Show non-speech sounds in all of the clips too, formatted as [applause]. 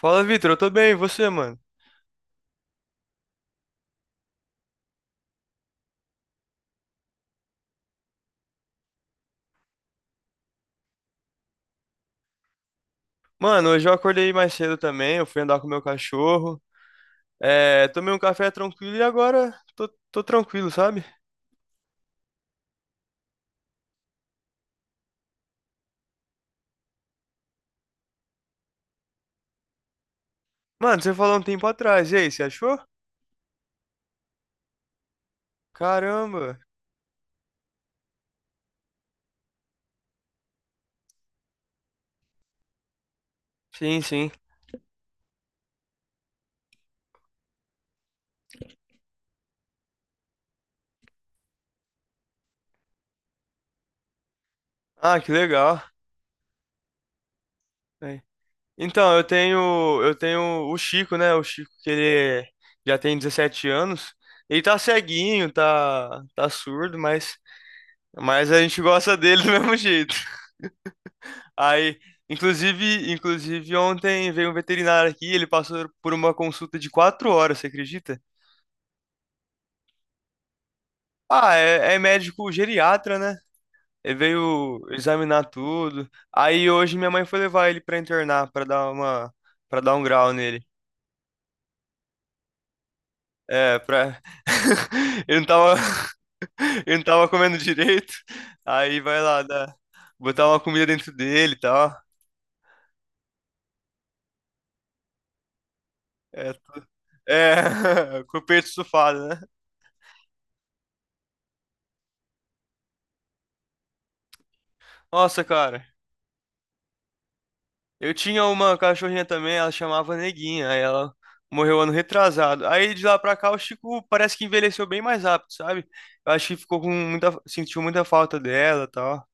Fala, Vitor, eu tô bem, e você, mano? Mano, hoje eu acordei mais cedo também, eu fui andar com meu cachorro, tomei um café tranquilo e agora tô tranquilo, sabe? Mano, você falou um tempo atrás, e aí, você achou? Caramba! Sim, sim. Ah, que legal. É. Então, eu tenho o Chico, né? O Chico que ele já tem 17 anos, ele tá ceguinho, tá surdo, mas a gente gosta dele do [laughs] mesmo jeito. Aí, inclusive ontem veio um veterinário aqui, ele passou por uma consulta de quatro horas, você acredita? Ah, é médico geriatra, né? Ele veio examinar tudo. Aí hoje minha mãe foi levar ele pra internar, para dar um grau nele. É, pra... [laughs] ele não tava, [laughs] ele não tava comendo direito. Aí vai lá, botar uma comida dentro dele e tal. É, tu- [laughs] com o peito estufado, né? Nossa, cara. Eu tinha uma cachorrinha também, ela chamava Neguinha, aí ela morreu ano retrasado. Aí de lá pra cá o Chico parece que envelheceu bem mais rápido, sabe? Eu acho que ficou com sentiu muita falta dela, e tal.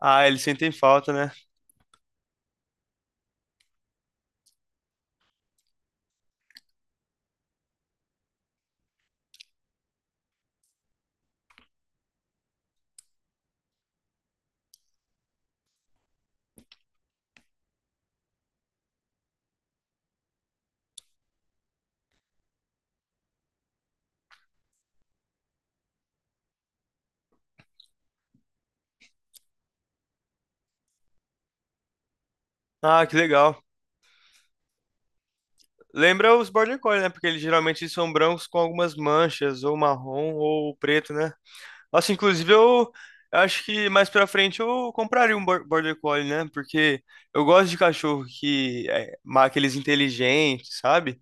Ah, eles sentem falta, né? Ah, que legal. Lembra os Border Collie, né? Porque eles geralmente são brancos com algumas manchas, ou marrom, ou preto, né? Nossa, inclusive eu acho que mais pra frente eu compraria um Border Collie, né? Porque eu gosto de cachorro que é aqueles inteligentes, sabe?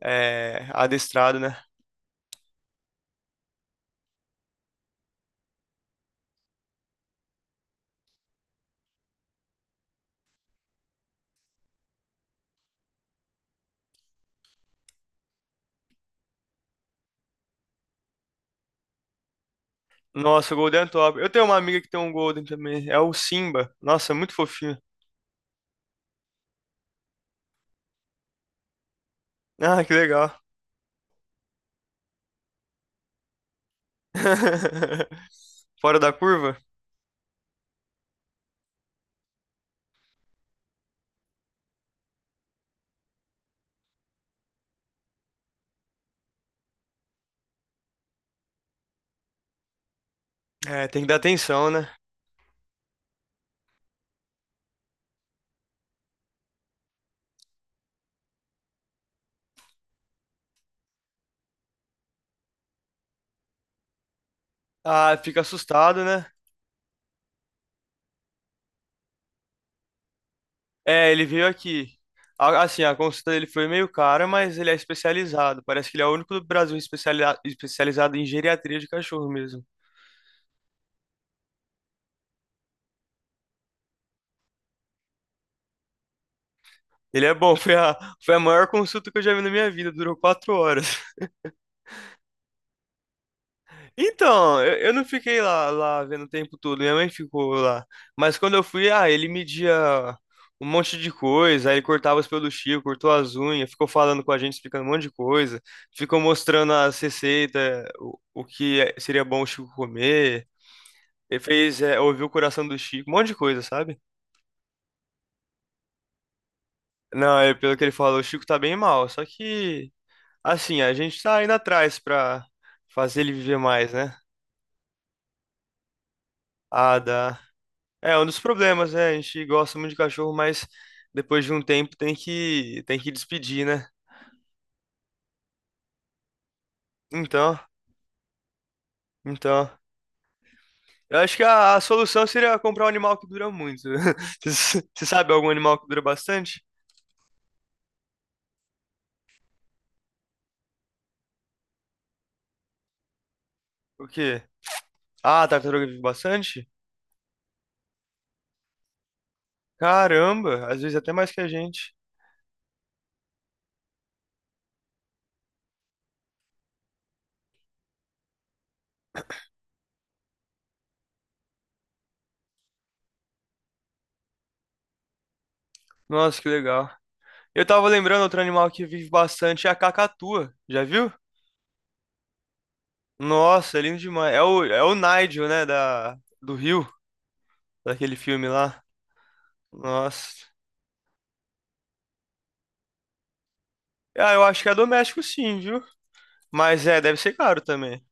É, adestrado, né? Nossa, o Golden é top. Eu tenho uma amiga que tem um Golden também. É o Simba. Nossa, é muito fofinho. [laughs] Ah, que legal. [laughs] Fora da curva? É, tem que dar atenção, né? Ah, fica assustado, né? É, ele veio aqui. Assim, a consulta dele foi meio cara, mas ele é especializado. Parece que ele é o único do Brasil especializado em geriatria de cachorro mesmo. Ele é bom, [laughs] foi a maior consulta que eu já vi na minha vida, durou quatro horas. Então, eu não fiquei lá vendo o tempo todo, minha mãe ficou lá. Mas quando eu fui, ah, ele media um monte de coisa, aí ele cortava os peluchinhos, cortou as unhas, ficou falando com a gente, explicando um monte de coisa, ficou mostrando as receitas, seria bom o Chico comer. Ele fez, é, ouviu o coração do Chico, um monte de coisa, sabe? Não, é pelo que ele falou, o Chico tá bem mal, só que, assim, a gente tá indo atrás pra fazer ele viver mais, né? Ah, dá. É um dos problemas, né? A gente gosta muito de cachorro, mas depois de um tempo tem que despedir, né? Então, então, eu acho que a solução seria comprar um animal que dura muito. [laughs] Você sabe algum animal que dura bastante? O quê? Ah, a tartaruga vive bastante? Caramba, às vezes até mais que a gente. Nossa, que legal. Eu tava lembrando outro animal que vive bastante é a cacatua. Já viu? Nossa, é lindo demais. É o Nigel, né, da do Rio, daquele filme lá. Nossa. Ah, eu acho que é doméstico sim, viu? Mas é, deve ser caro também.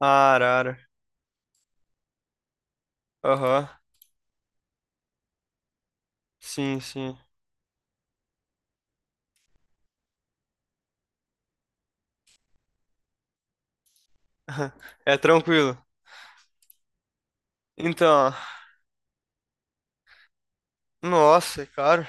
Ah, arara. Aham. Sim, sim. É tranquilo. Então, nossa, é caro.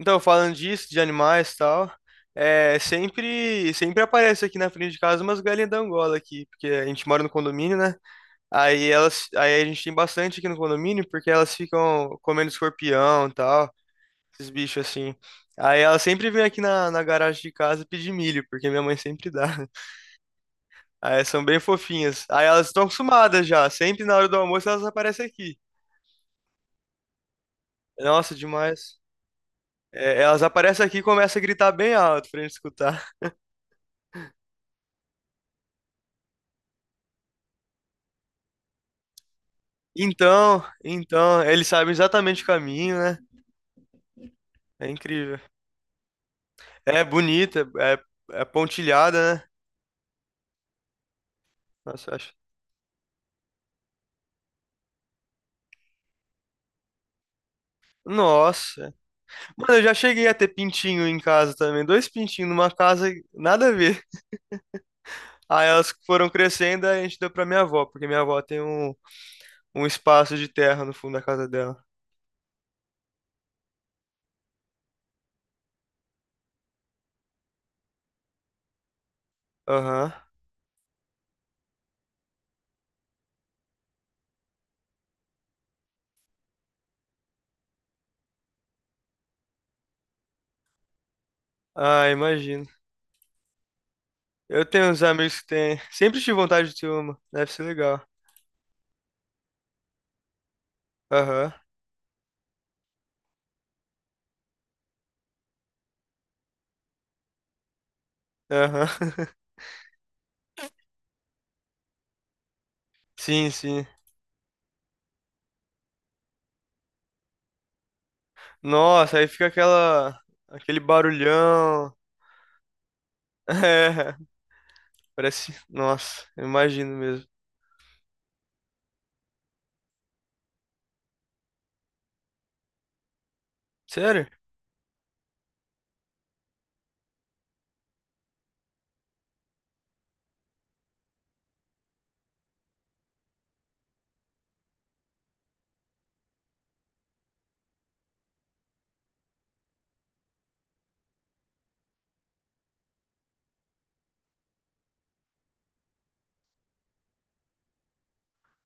Então, falando disso, de animais e tal, é sempre aparece aqui na frente de casa umas galinhas da Angola aqui, porque a gente mora no condomínio, né? Aí a gente tem bastante aqui no condomínio, porque elas ficam comendo escorpião e tal, esses bichos assim. Aí elas sempre vêm aqui na garagem de casa pedir milho, porque minha mãe sempre dá. Ah, elas são bem fofinhas. Aí elas estão acostumadas já. Sempre na hora do almoço elas aparecem aqui. Nossa, demais. É, elas aparecem aqui e começam a gritar bem alto pra gente escutar. Então, eles sabem exatamente o caminho, né? É incrível. É bonita, é pontilhada, né? Nossa, eu acho. Nossa. Mano, eu já cheguei a ter pintinho em casa também. Dois pintinhos numa casa, nada a ver. Aí elas foram crescendo, aí a gente deu pra minha avó, porque minha avó tem um espaço de terra no fundo da casa dela. Aham. Ah, imagino. Eu tenho uns amigos que têm. Sempre tive vontade de ter uma. Deve ser legal. Aham, aham. [laughs] Sim, sim. Nossa, aí fica aquela. Aquele barulhão. [laughs] É, parece. Nossa, eu imagino mesmo. Sério?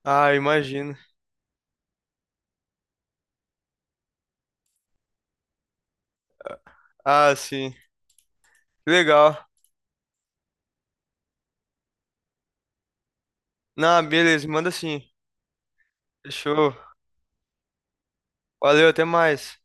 Ah, eu imagino. Ah, sim. Legal. Não, beleza, manda sim. Fechou. Valeu, até mais.